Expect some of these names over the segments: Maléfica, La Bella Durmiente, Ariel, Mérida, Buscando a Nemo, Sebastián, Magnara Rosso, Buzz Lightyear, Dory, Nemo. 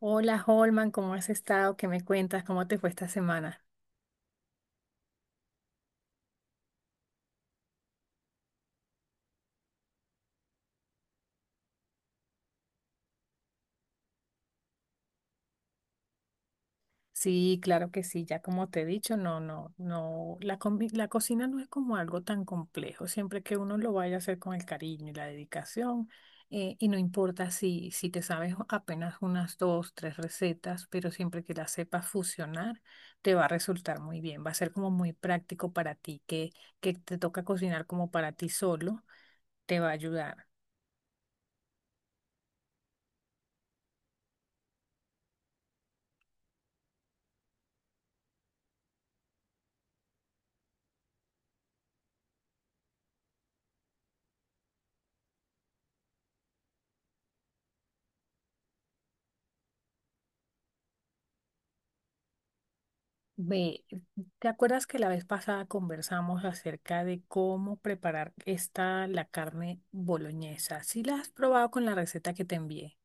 Hola Holman, ¿cómo has estado? ¿Qué me cuentas? ¿Cómo te fue esta semana? Sí, claro que sí, ya como te he dicho, no, no, no, la cocina no es como algo tan complejo, siempre que uno lo vaya a hacer con el cariño y la dedicación, y no importa si te sabes apenas unas dos, tres recetas, pero siempre que las sepas fusionar, te va a resultar muy bien, va a ser como muy práctico para ti, que te toca cocinar como para ti solo, te va a ayudar. Ve, ¿te acuerdas que la vez pasada conversamos acerca de cómo preparar la carne boloñesa? ¿Sí la has probado con la receta que te envié?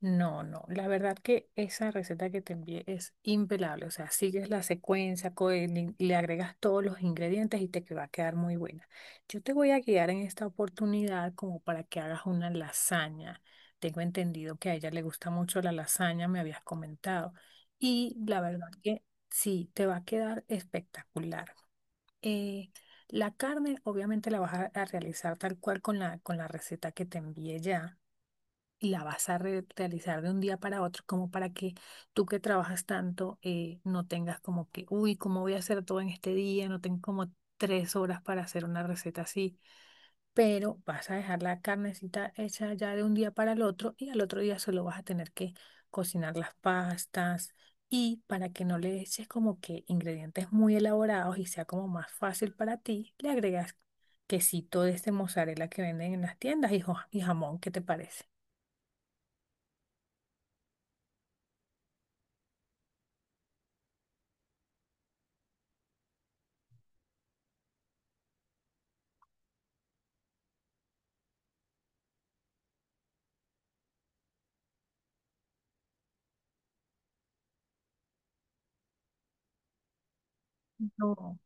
No, no, la verdad que esa receta que te envié es impelable, o sea, sigues la secuencia, y le agregas todos los ingredientes y va a quedar muy buena. Yo te voy a guiar en esta oportunidad como para que hagas una lasaña. Tengo entendido que a ella le gusta mucho la lasaña, me habías comentado. Y la verdad que sí, te va a quedar espectacular. Eh, la carne obviamente la vas a realizar tal cual con la receta que te envié, ya la vas a realizar de un día para otro, como para que tú que trabajas tanto no tengas como que, uy, ¿cómo voy a hacer todo en este día? No tengo como 3 horas para hacer una receta así, pero vas a dejar la carnecita hecha ya de un día para el otro y al otro día solo vas a tener que cocinar las pastas. Y para que no le eches como que ingredientes muy elaborados y sea como más fácil para ti, le agregas quesito de este mozzarella que venden en las tiendas y, y jamón, ¿qué te parece? No.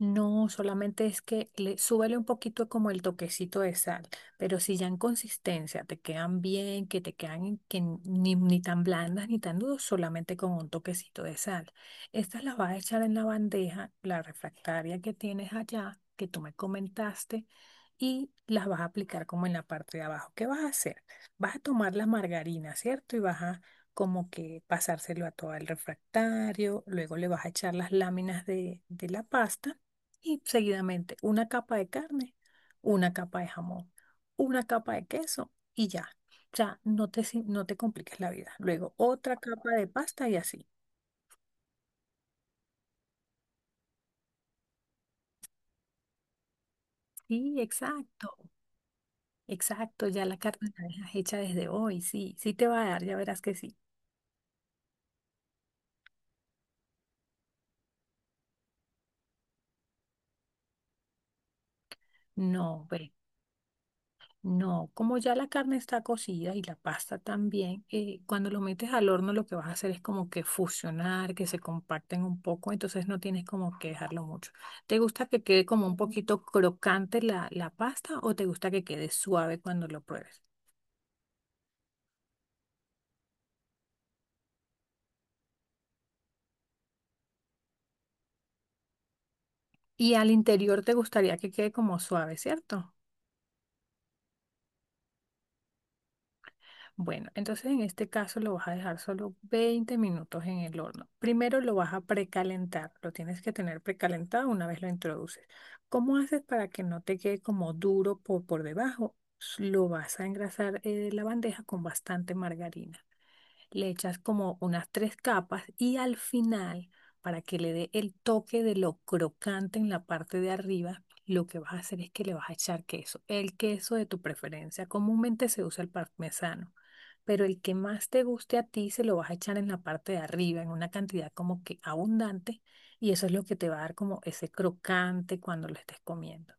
No, solamente es que le súbele un poquito como el toquecito de sal, pero si ya en consistencia te quedan bien, que te quedan que ni, ni tan blandas ni tan duras, solamente con un toquecito de sal. Estas las vas a echar en la bandeja, la refractaria que tienes allá, que tú me comentaste, y las vas a aplicar como en la parte de abajo. ¿Qué vas a hacer? Vas a tomar la margarina, ¿cierto? Y vas a como que pasárselo a todo el refractario, luego le vas a echar las láminas de la pasta y seguidamente una capa de carne, una capa de jamón, una capa de queso y ya. O sea, no te, no te compliques la vida. Luego otra capa de pasta y así. Sí, exacto, exacto. Ya la carne la dejas hecha desde hoy. Sí, sí te va a dar, ya verás que sí. No, ve. No, como ya la carne está cocida y la pasta también, cuando lo metes al horno lo que vas a hacer es como que fusionar, que se comparten un poco, entonces no tienes como que dejarlo mucho. ¿Te gusta que quede como un poquito crocante la pasta o te gusta que quede suave cuando lo pruebes? Y al interior te gustaría que quede como suave, ¿cierto? Bueno, entonces en este caso lo vas a dejar solo 20 minutos en el horno. Primero lo vas a precalentar, lo tienes que tener precalentado una vez lo introduces. ¿Cómo haces para que no te quede como duro por debajo? Lo vas a engrasar la bandeja con bastante margarina, le echas como unas tres capas y al final, para que le dé el toque de lo crocante en la parte de arriba, lo que vas a hacer es que le vas a echar queso, el queso de tu preferencia. Comúnmente se usa el parmesano, pero el que más te guste a ti se lo vas a echar en la parte de arriba, en una cantidad como que abundante, y eso es lo que te va a dar como ese crocante cuando lo estés comiendo.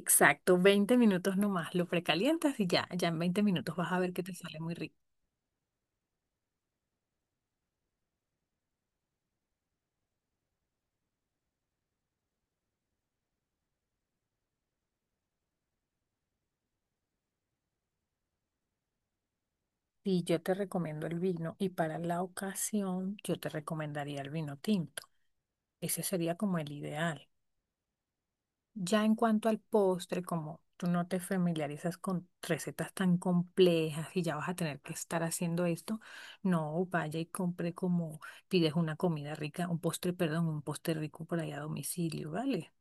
Exacto, 20 minutos nomás, lo precalientas y ya, ya en 20 minutos vas a ver que te sale muy rico. Y yo te recomiendo el vino y para la ocasión yo te recomendaría el vino tinto. Ese sería como el ideal. Ya en cuanto al postre, como tú no te familiarizas con recetas tan complejas y ya vas a tener que estar haciendo esto, no vaya y compre como pides una comida rica, un postre, perdón, un postre rico por allá a domicilio, ¿vale?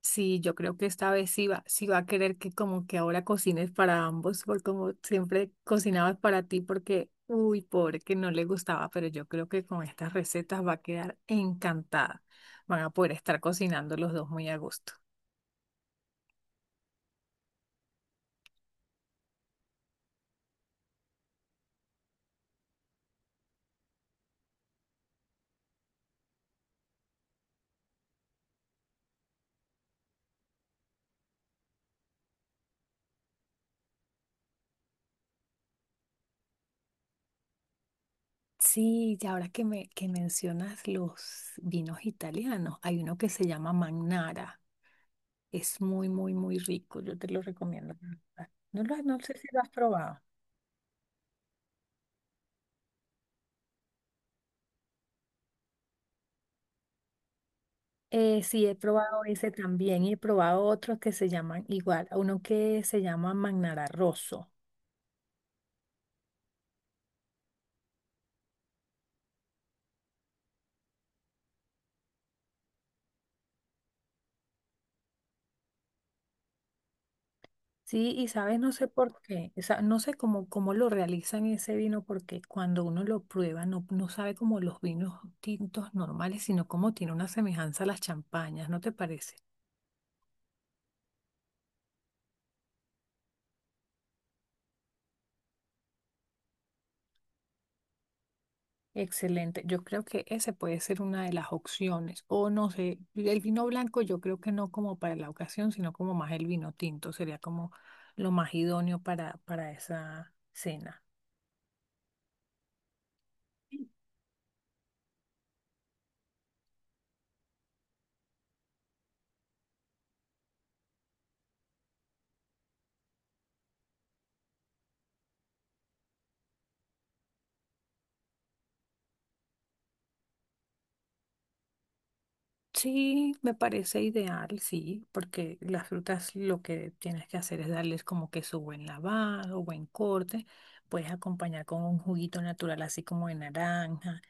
Sí, yo creo que esta vez sí va a querer que como que ahora cocines para ambos, porque como siempre cocinabas para ti, porque, uy, pobre, que no le gustaba, pero yo creo que con estas recetas va a quedar encantada. Van a poder estar cocinando los dos muy a gusto. Sí, y ahora que me que mencionas los vinos italianos, hay uno que se llama Magnara. Es muy, muy, muy rico. Yo te lo recomiendo. No sé si lo has probado. Sí, he probado ese también y he probado otros que se llaman igual, uno que se llama Magnara Rosso. Sí, y sabes, no sé por qué, o sea, no sé cómo lo realizan ese vino, porque cuando uno lo prueba no sabe como los vinos tintos normales, sino como tiene una semejanza a las champañas, ¿no te parece? Excelente. Yo creo que ese puede ser una de las opciones. O no sé, el vino blanco yo creo que no como para la ocasión, sino como más el vino tinto. Sería como lo más idóneo para esa cena. Sí, me parece ideal, sí, porque las frutas lo que tienes que hacer es darles como que su buen lavado, buen corte. Puedes acompañar con un juguito natural así como de naranja.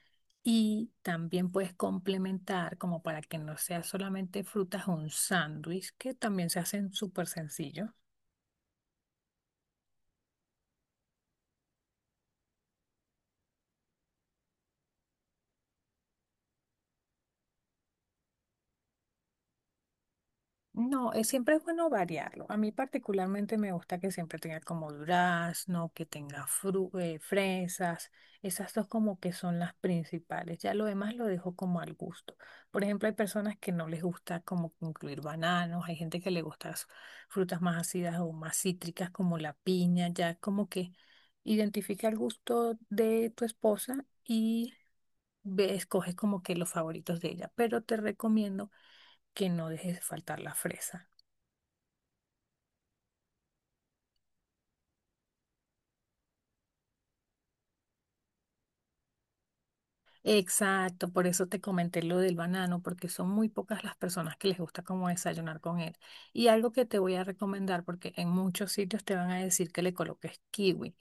Y también puedes complementar, como para que no sea solamente frutas, un sándwich, que también se hacen súper sencillo. No, siempre es bueno variarlo. A mí particularmente me gusta que siempre tenga como durazno, que tenga fresas. Esas dos como que son las principales. Ya lo demás lo dejo como al gusto. Por ejemplo, hay personas que no les gusta como incluir bananos, hay gente que le gusta frutas más ácidas o más cítricas como la piña. Ya como que identifica el gusto de tu esposa y escoges como que los favoritos de ella. Pero te recomiendo que no dejes faltar la fresa. Exacto, por eso te comenté lo del banano, porque son muy pocas las personas que les gusta como desayunar con él. Y algo que te voy a recomendar, porque en muchos sitios te van a decir que le coloques kiwi,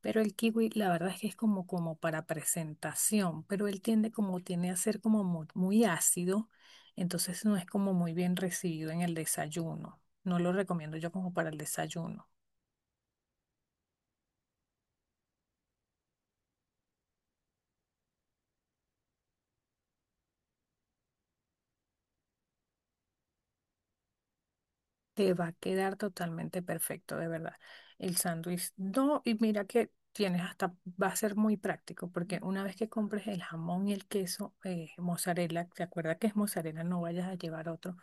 pero el kiwi la verdad es que es como, como para presentación, pero él tiende como tiene a ser como muy, muy ácido, entonces no es como muy bien recibido en el desayuno. No lo recomiendo yo como para el desayuno. Te va a quedar totalmente perfecto, de verdad. El sándwich, no, y mira que tienes hasta, va a ser muy práctico, porque una vez que compres el jamón y el queso, mozzarella, te acuerdas que es mozzarella, no vayas a llevar otro.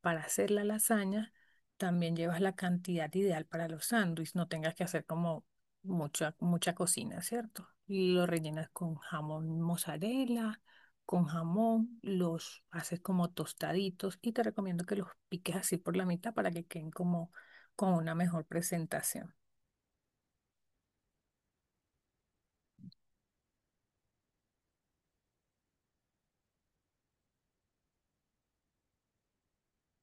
Para hacer la lasaña, también llevas la cantidad ideal para los sándwiches, no tengas que hacer como mucha, mucha cocina, ¿cierto? Y lo rellenas con jamón mozzarella con jamón, los haces como tostaditos y te recomiendo que los piques así por la mitad para que queden como con una mejor presentación.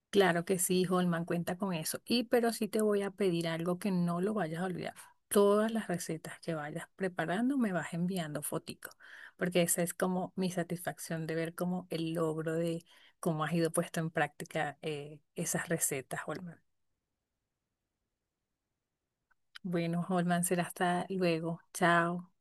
Claro que sí, Holman, cuenta con eso. Y pero sí te voy a pedir algo que no lo vayas a olvidar. Todas las recetas que vayas preparando me vas enviando fotico, porque esa es como mi satisfacción de ver como el logro de cómo has ido puesto en práctica esas recetas, Holman. Bueno, Holman, será hasta luego. Chao.